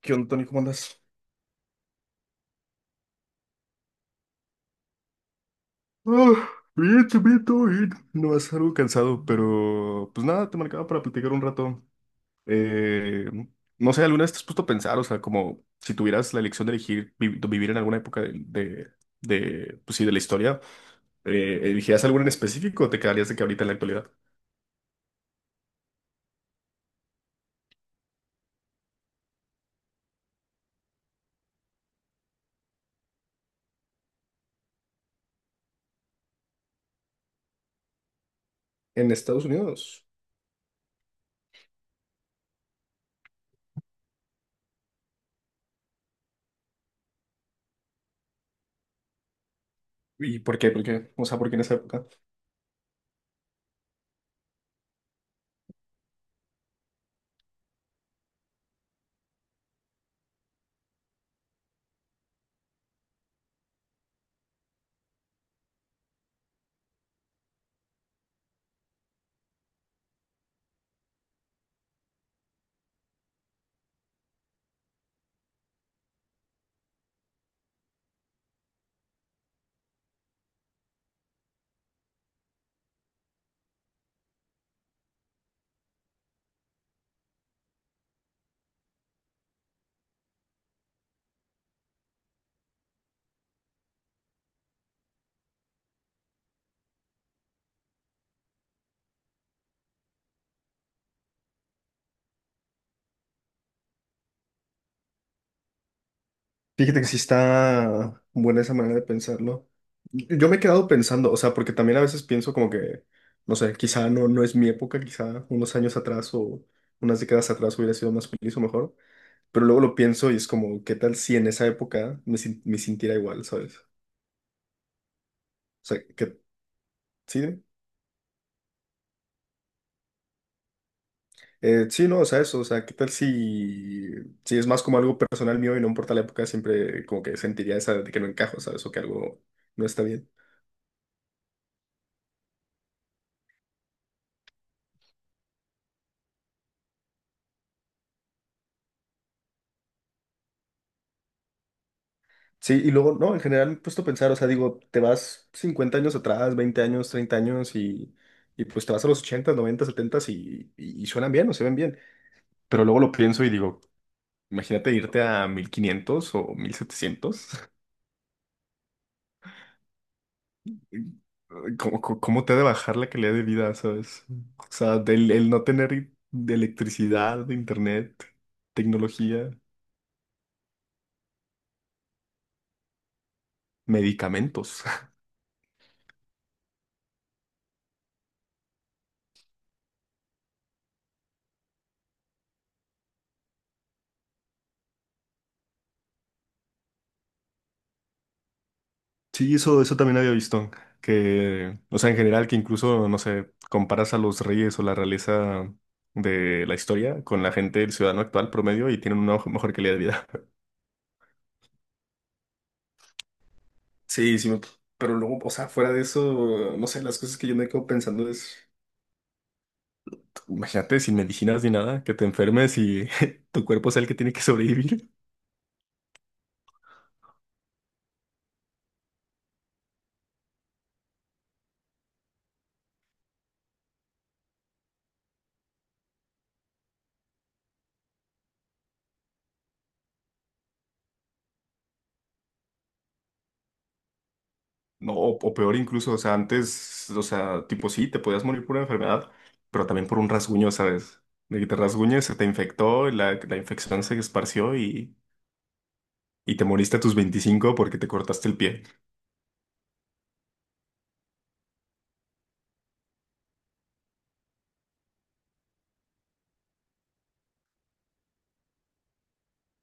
¿Qué onda, Tony? ¿Cómo andas? Ah, bien, bien, todo bien. No, es algo cansado, pero pues nada, te marcaba para platicar un rato. Eh, no sé, ¿alguna vez te has puesto a pensar, o sea, como si tuvieras la elección de elegir vivir en alguna época pues sí, de la historia, elegirías alguna en específico o te quedarías de que ahorita en la actualidad? En Estados Unidos. ¿Y por qué? ¿Por qué? O sea, ¿por qué en esa época? Fíjate que sí está buena esa manera de pensarlo. Yo me he quedado pensando, o sea, porque también a veces pienso como que, no sé, quizá no, no es mi época, quizá unos años atrás o unas décadas atrás hubiera sido más feliz o mejor, pero luego lo pienso y es como, ¿qué tal si en esa época me, sin- me sintiera igual, sabes? O sea, que, ¿sí? Dime. Sí, no, o sea, eso, o sea, ¿qué tal si es más como algo personal mío y no importa la época, siempre como que sentiría esa de que no encajo, sabes? O que algo no está bien. Sí, y luego, no, en general me he puesto a pensar, o sea, digo, te vas 50 años atrás, 20 años, 30 años y pues te vas a los ochenta, noventa, 70 y suenan bien o se ven bien. Pero luego lo pienso y digo, imagínate irte a 1500 o 1700. ¿Cómo te ha de bajar la calidad de vida, sabes? O sea, el no tener de electricidad, de internet, tecnología, medicamentos. Sí, eso también había visto. Que, o sea, en general, que incluso, no sé, comparas a los reyes o la realeza de la historia con la gente, el ciudadano actual promedio, y tienen una mejor calidad de vida. Sí, sí, pero luego, o sea, fuera de eso, no sé, las cosas que yo me quedo pensando es. Imagínate sin medicinas ni nada, que te enfermes y tu cuerpo es el que tiene que sobrevivir. No, o peor incluso, o sea, antes, o sea, tipo sí, te podías morir por una enfermedad, pero también por un rasguño, ¿sabes? De que te rasguñes, se te infectó, la infección se esparció y te moriste a tus 25 porque te cortaste el pie.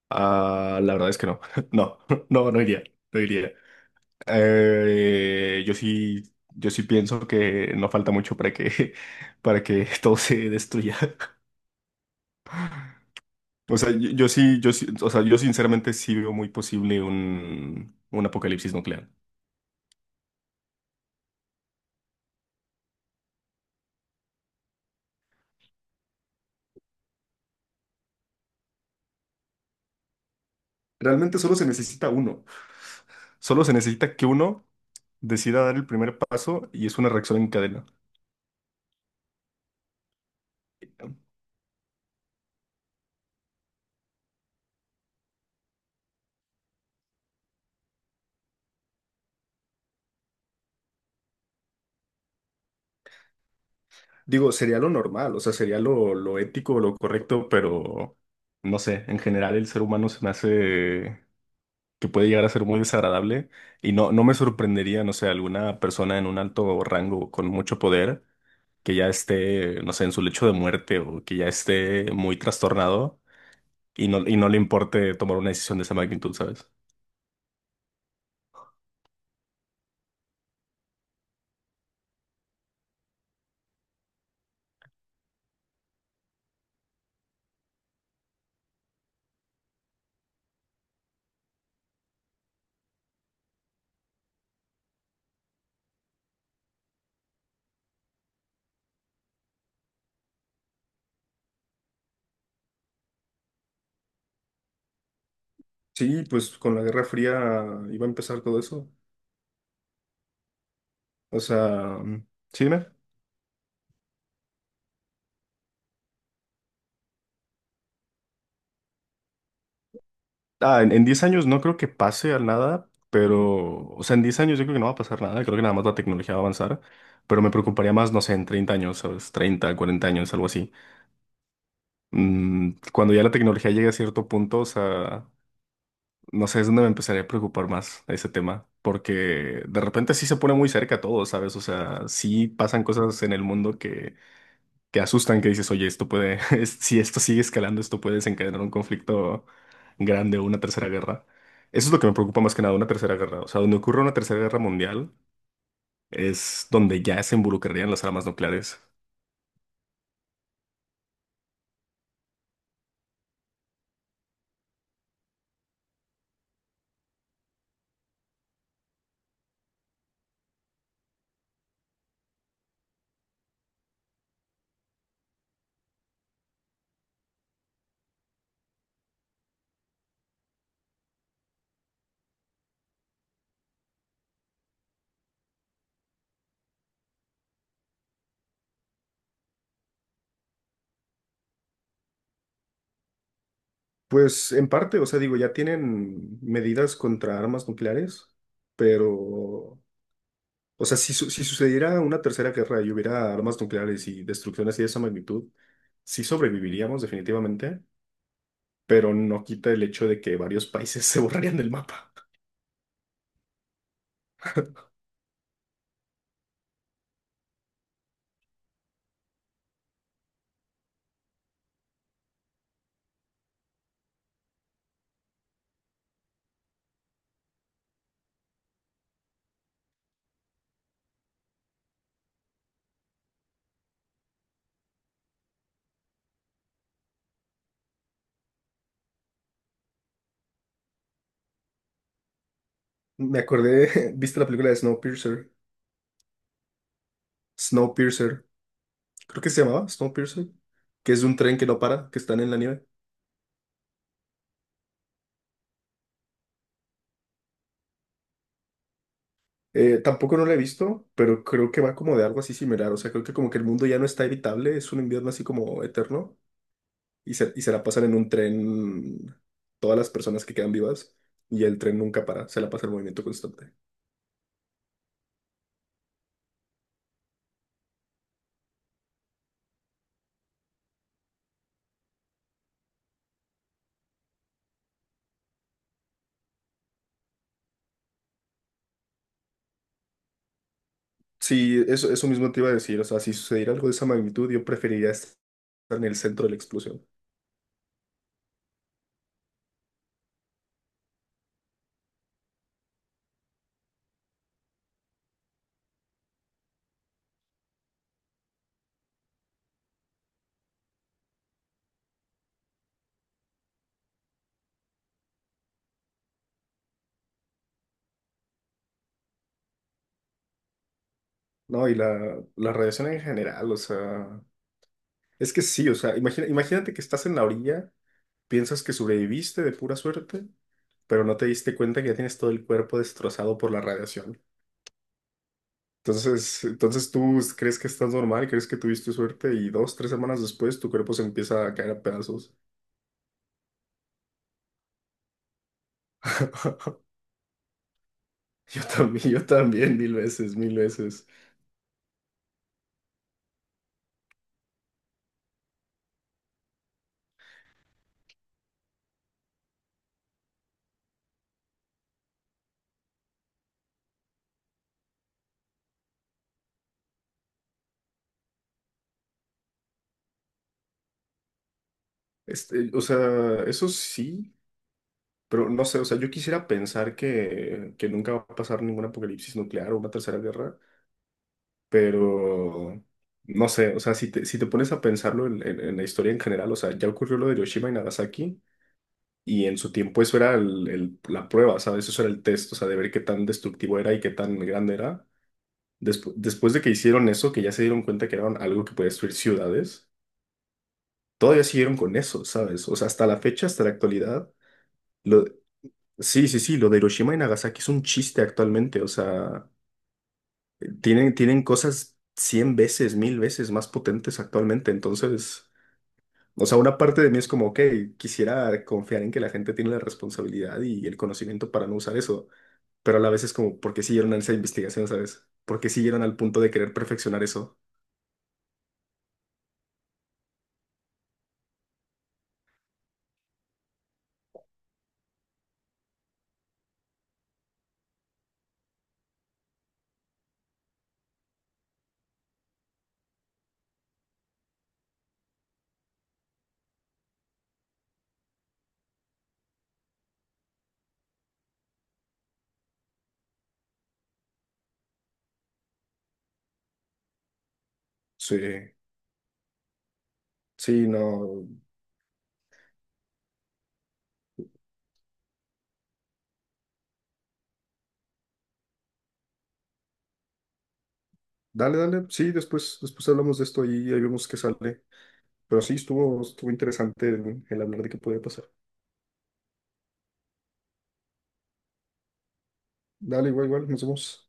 Ah, la verdad es que no, no, no, no iría, no iría. Eh, yo sí, yo sí pienso que no falta mucho para que, para que todo se destruya. O sea, yo sí, o sea, yo sinceramente sí veo muy posible un apocalipsis nuclear. Realmente solo se necesita uno. Solo se necesita que uno decida dar el primer paso y es una reacción en cadena. Digo, sería lo normal, o sea, sería lo ético, lo correcto, pero no sé, en general el ser humano se me hace que puede llegar a ser muy desagradable y no, no me sorprendería, no sé, alguna persona en un alto rango con mucho poder que ya esté, no sé, en su lecho de muerte o que ya esté muy trastornado y no le importe tomar una decisión de esa magnitud, ¿sabes? Sí, pues con la Guerra Fría iba a empezar todo eso. O sea, mm. Sí, dime. Ah, en 10 años no creo que pase al nada, pero, o sea, en 10 años yo creo que no va a pasar nada, creo que nada más la tecnología va a avanzar, pero me preocuparía más, no sé, en 30 años, ¿sabes? Treinta 40 años, algo así. Cuando ya la tecnología llegue a cierto punto, o sea, no sé, es donde me empezaría a preocupar más ese tema, porque de repente sí se pone muy cerca todo, ¿sabes? O sea, sí pasan cosas en el mundo que asustan, que dices, oye, esto puede, si esto sigue escalando, esto puede desencadenar un conflicto grande o una tercera guerra. Eso es lo que me preocupa más que nada, una tercera guerra. O sea, donde ocurra una tercera guerra mundial es donde ya se involucrarían las armas nucleares. Pues en parte, o sea, digo, ya tienen medidas contra armas nucleares, pero, o sea, si sucediera una tercera guerra y hubiera armas nucleares y destrucciones y de esa magnitud, sí sobreviviríamos definitivamente, pero no quita el hecho de que varios países se borrarían del mapa. Me acordé, ¿viste la película de Snowpiercer? Snowpiercer, creo que se llamaba Snowpiercer, que es de un tren que no para, que están en la nieve. Tampoco no la he visto, pero creo que va como de algo así similar. O sea, creo que como que el mundo ya no está evitable, es un invierno así como eterno y se la pasan en un tren todas las personas que quedan vivas y el tren nunca para, se la pasa el movimiento constante. Sí, eso mismo te iba a decir. O sea, si sucediera algo de esa magnitud, yo preferiría estar en el centro de la explosión. No, y la radiación en general, o sea, es que sí, o sea, imagínate que estás en la orilla, piensas que sobreviviste de pura suerte. Pero no te diste cuenta que ya tienes todo el cuerpo destrozado por la radiación. Entonces tú crees que estás normal, crees que tuviste suerte y dos, tres semanas después tu cuerpo se empieza a caer a pedazos. Yo también, 1000 veces, 1000 veces. O sea, eso sí, pero no sé, o sea, yo quisiera pensar que nunca va a pasar ningún apocalipsis nuclear o una tercera guerra, pero no sé, o sea, si te pones a pensarlo en la historia en general, o sea, ya ocurrió lo de Hiroshima y Nagasaki. Y en su tiempo eso era la prueba, ¿sabes? Eso era el test, o sea, de ver qué tan destructivo era y qué tan grande era. Después de que hicieron eso, que ya se dieron cuenta que era algo que podía destruir ciudades, todavía siguieron con eso, ¿sabes? O sea, hasta la fecha, hasta la actualidad. Lo, sí, sí, sí, lo de Hiroshima y Nagasaki es un chiste actualmente, o sea, tienen cosas 100 veces, 1000 veces más potentes actualmente, entonces... O sea, una parte de mí es como, ok, quisiera confiar en que la gente tiene la responsabilidad y el conocimiento para no usar eso. Pero a la vez es como, ¿por qué siguieron en esa investigación, sabes? ¿Por qué siguieron al punto de querer perfeccionar eso? Sí, sí, no. Dale, dale, sí, después, después hablamos de esto y ahí vemos qué sale. Pero sí, estuvo, estuvo interesante el hablar de qué podía pasar. Dale, igual, igual, nos vemos.